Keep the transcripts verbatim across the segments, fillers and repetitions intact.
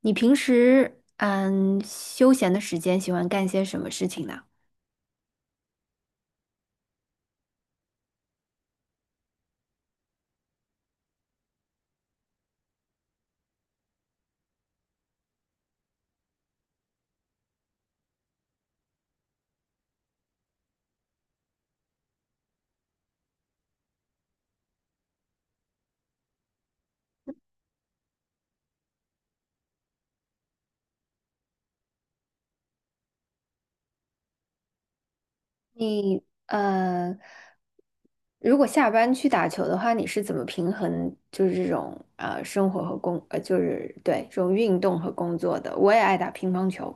你平时嗯休闲的时间喜欢干些什么事情呢？你呃，如果下班去打球的话，你是怎么平衡就是这种呃生活和工呃就是对这种运动和工作的？我也爱打乒乓球。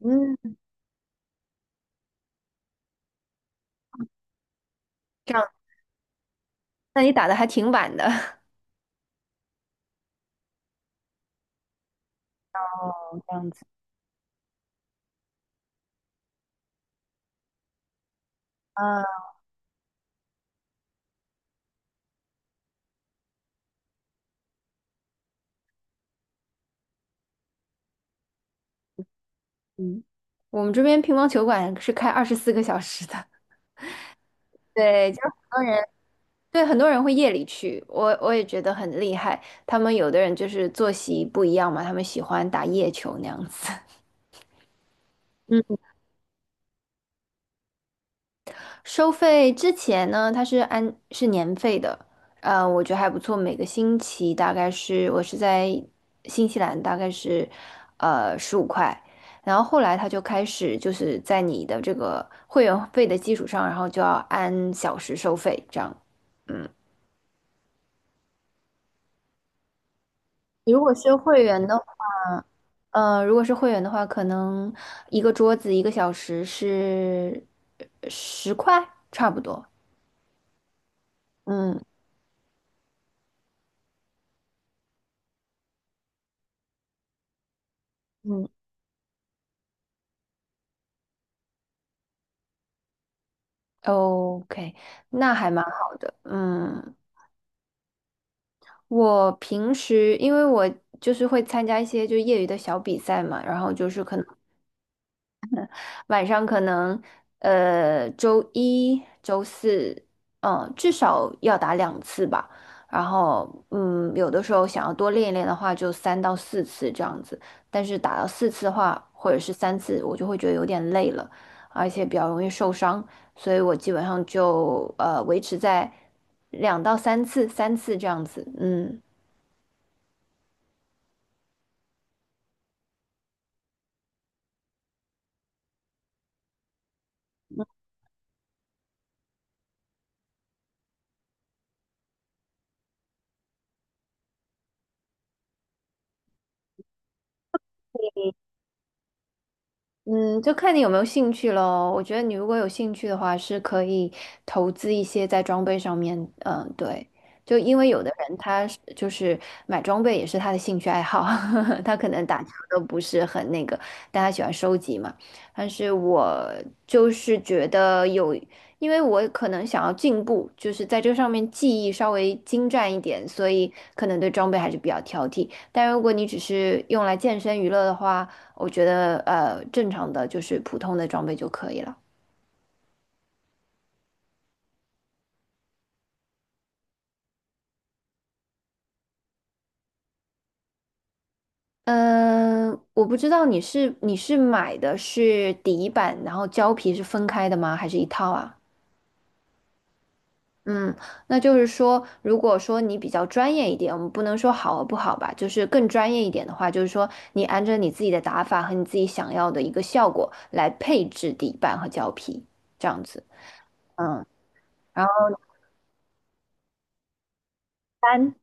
嗯，这样。那你打的还挺晚的。哦，这样子。啊，嗯，我们这边乒乓球馆是开二十四个小时的。对，就很多人。对，很多人会夜里去，我我也觉得很厉害。他们有的人就是作息不一样嘛，他们喜欢打夜球那样子。嗯。收费之前呢，它是按是年费的。呃，我觉得还不错。每个星期大概是我是在新西兰，大概是呃十五块。然后后来他就开始就是在你的这个会员费的基础上，然后就要按小时收费这样。嗯。如果是会员的呃，如果是会员的话，可能一个桌子一个小时是十块，差不多。嗯嗯，OK，那还蛮好的。嗯，我平时因为我就是会参加一些就业余的小比赛嘛，然后就是可能晚上可能呃周一、周四。嗯，至少要打两次吧。然后嗯，有的时候想要多练一练的话，就三到四次这样子。但是打到四次的话，或者是三次，我就会觉得有点累了，而且比较容易受伤，所以我基本上就呃维持在两到三次、三次这样子。嗯。嗯，就看你有没有兴趣咯。我觉得你如果有兴趣的话，是可以投资一些在装备上面。嗯，对，就因为有的人他是就是买装备也是他的兴趣爱好。他可能打球都不是很那个，但他喜欢收集嘛。但是我就是觉得有，因为我可能想要进步，就是在这上面技艺稍微精湛一点，所以可能对装备还是比较挑剔。但如果你只是用来健身娱乐的话，我觉得呃，正常的就是普通的装备就可以了。嗯，我不知道你是你是买的是底板，然后胶皮是分开的吗？还是一套啊？嗯，那就是说，如果说你比较专业一点，我们不能说好和不好吧，就是更专业一点的话，就是说你按照你自己的打法和你自己想要的一个效果来配置底板和胶皮，这样子。嗯，然后三。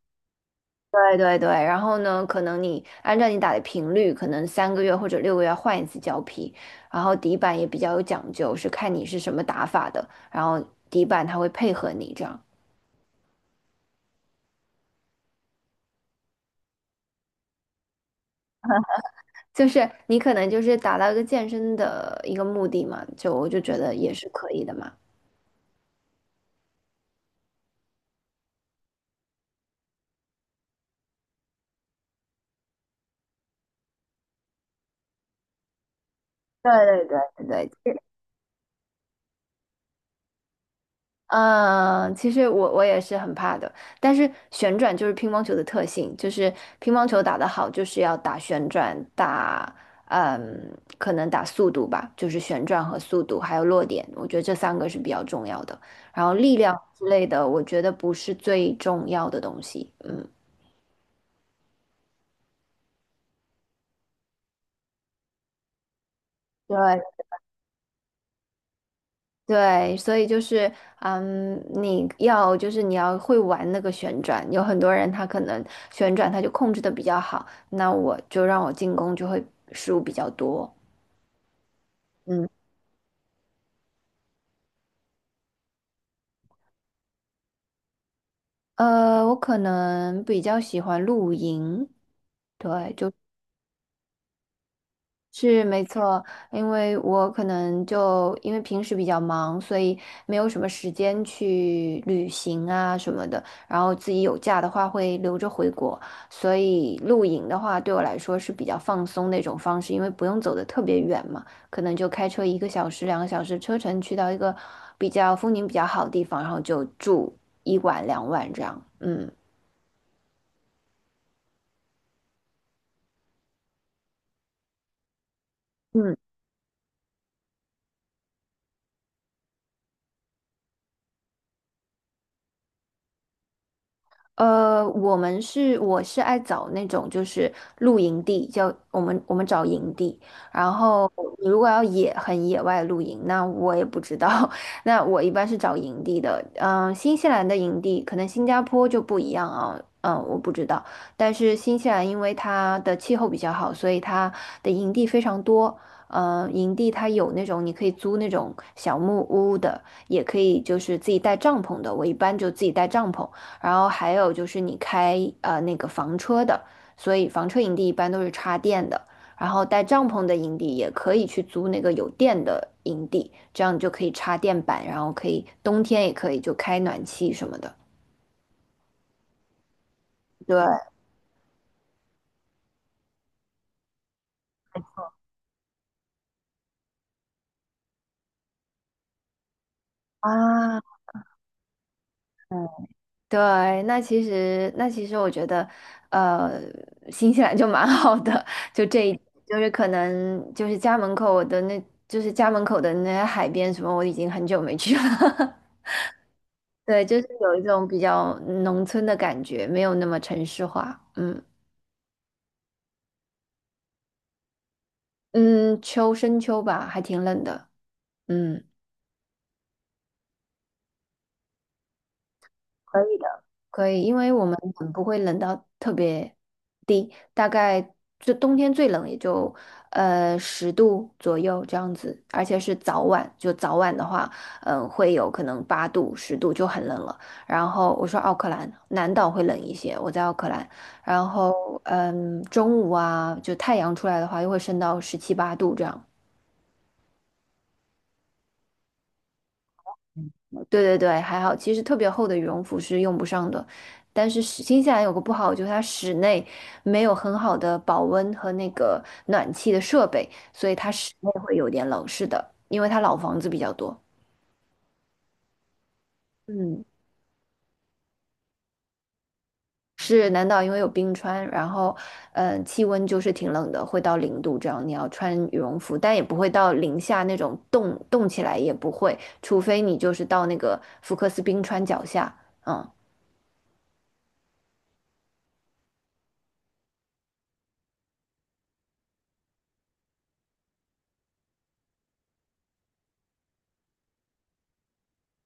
对对对，然后呢，可能你按照你打的频率，可能三个月或者六个月换一次胶皮，然后底板也比较有讲究，是看你是什么打法的，然后底板它会配合你这样，就是你可能就是达到一个健身的一个目的嘛，就我就觉得也是可以的嘛。对对对对对。嗯，其实我我也是很怕的，但是旋转就是乒乓球的特性，就是乒乓球打得好，就是要打旋转，打嗯，可能打速度吧，就是旋转和速度，还有落点，我觉得这三个是比较重要的。然后力量之类的，我觉得不是最重要的东西。嗯，对对，所以就是，嗯，你要就是你要会玩那个旋转，有很多人他可能旋转他就控制的比较好，那我就让我进攻就会失误比较多。嗯，呃，我可能比较喜欢露营。对，就。是没错，因为我可能就因为平时比较忙，所以没有什么时间去旅行啊什么的。然后自己有假的话会留着回国，所以露营的话对我来说是比较放松那种方式，因为不用走的特别远嘛，可能就开车一个小时、两个小时车程去到一个比较风景比较好的地方，然后就住一晚两晚这样。嗯嗯。呃，我们是我是爱找那种就是露营地，叫我们我们找营地。然后你如果要野很野外露营，那我也不知道。那我一般是找营地的，嗯，新西兰的营地可能新加坡就不一样啊，嗯，我不知道。但是新西兰因为它的气候比较好，所以它的营地非常多。嗯，营地它有那种你可以租那种小木屋的，也可以就是自己带帐篷的。我一般就自己带帐篷。然后还有就是你开呃那个房车的，所以房车营地一般都是插电的。然后带帐篷的营地也可以去租那个有电的营地，这样你就可以插电板，然后可以冬天也可以就开暖气什么的。对啊，对，那其实那其实我觉得，呃，新西兰就蛮好的。就这一就是可能就是家门口的那就是家门口的那些海边什么，我已经很久没去了。对，就是有一种比较农村的感觉，没有那么城市化。嗯嗯，秋深秋吧，还挺冷的。嗯。可以的。可以，因为我们很不会冷到特别低，大概就冬天最冷也就呃十度左右这样子，而且是早晚，就早晚的话，嗯、会有可能八度、十度就很冷了。然后我说奥克兰南岛会冷一些，我在奥克兰，然后嗯、中午啊，就太阳出来的话，又会升到十七八度这样。对对对，还好，其实特别厚的羽绒服是用不上的，但是室新西兰有个不好，就是它室内没有很好的保温和那个暖气的设备，所以它室内会有点冷，是的，因为它老房子比较多。嗯，是南岛因为有冰川，然后嗯，气温就是挺冷的，会到零度这样，你要穿羽绒服，但也不会到零下那种冻冻起来也不会，除非你就是到那个福克斯冰川脚下。嗯。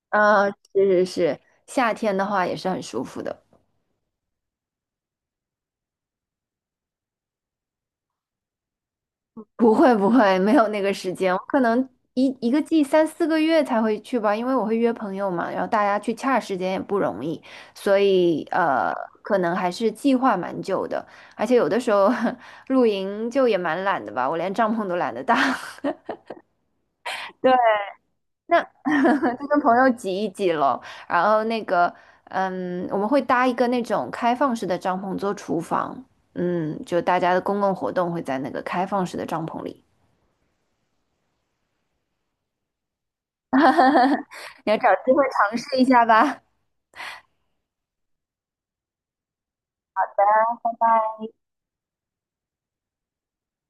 呃，是是是，夏天的话也是很舒服的。不会不会，没有那个时间，我可能一一个季三四个月才会去吧，因为我会约朋友嘛，然后大家去掐时间也不容易，所以呃，可能还是计划蛮久的。而且有的时候 露营就也蛮懒的吧，我连帐篷都懒得搭。对。那 就跟朋友挤一挤喽。然后那个，嗯，我们会搭一个那种开放式的帐篷做厨房，嗯，就大家的公共活动会在那个开放式的帐篷里。你要找机会尝试一下吧。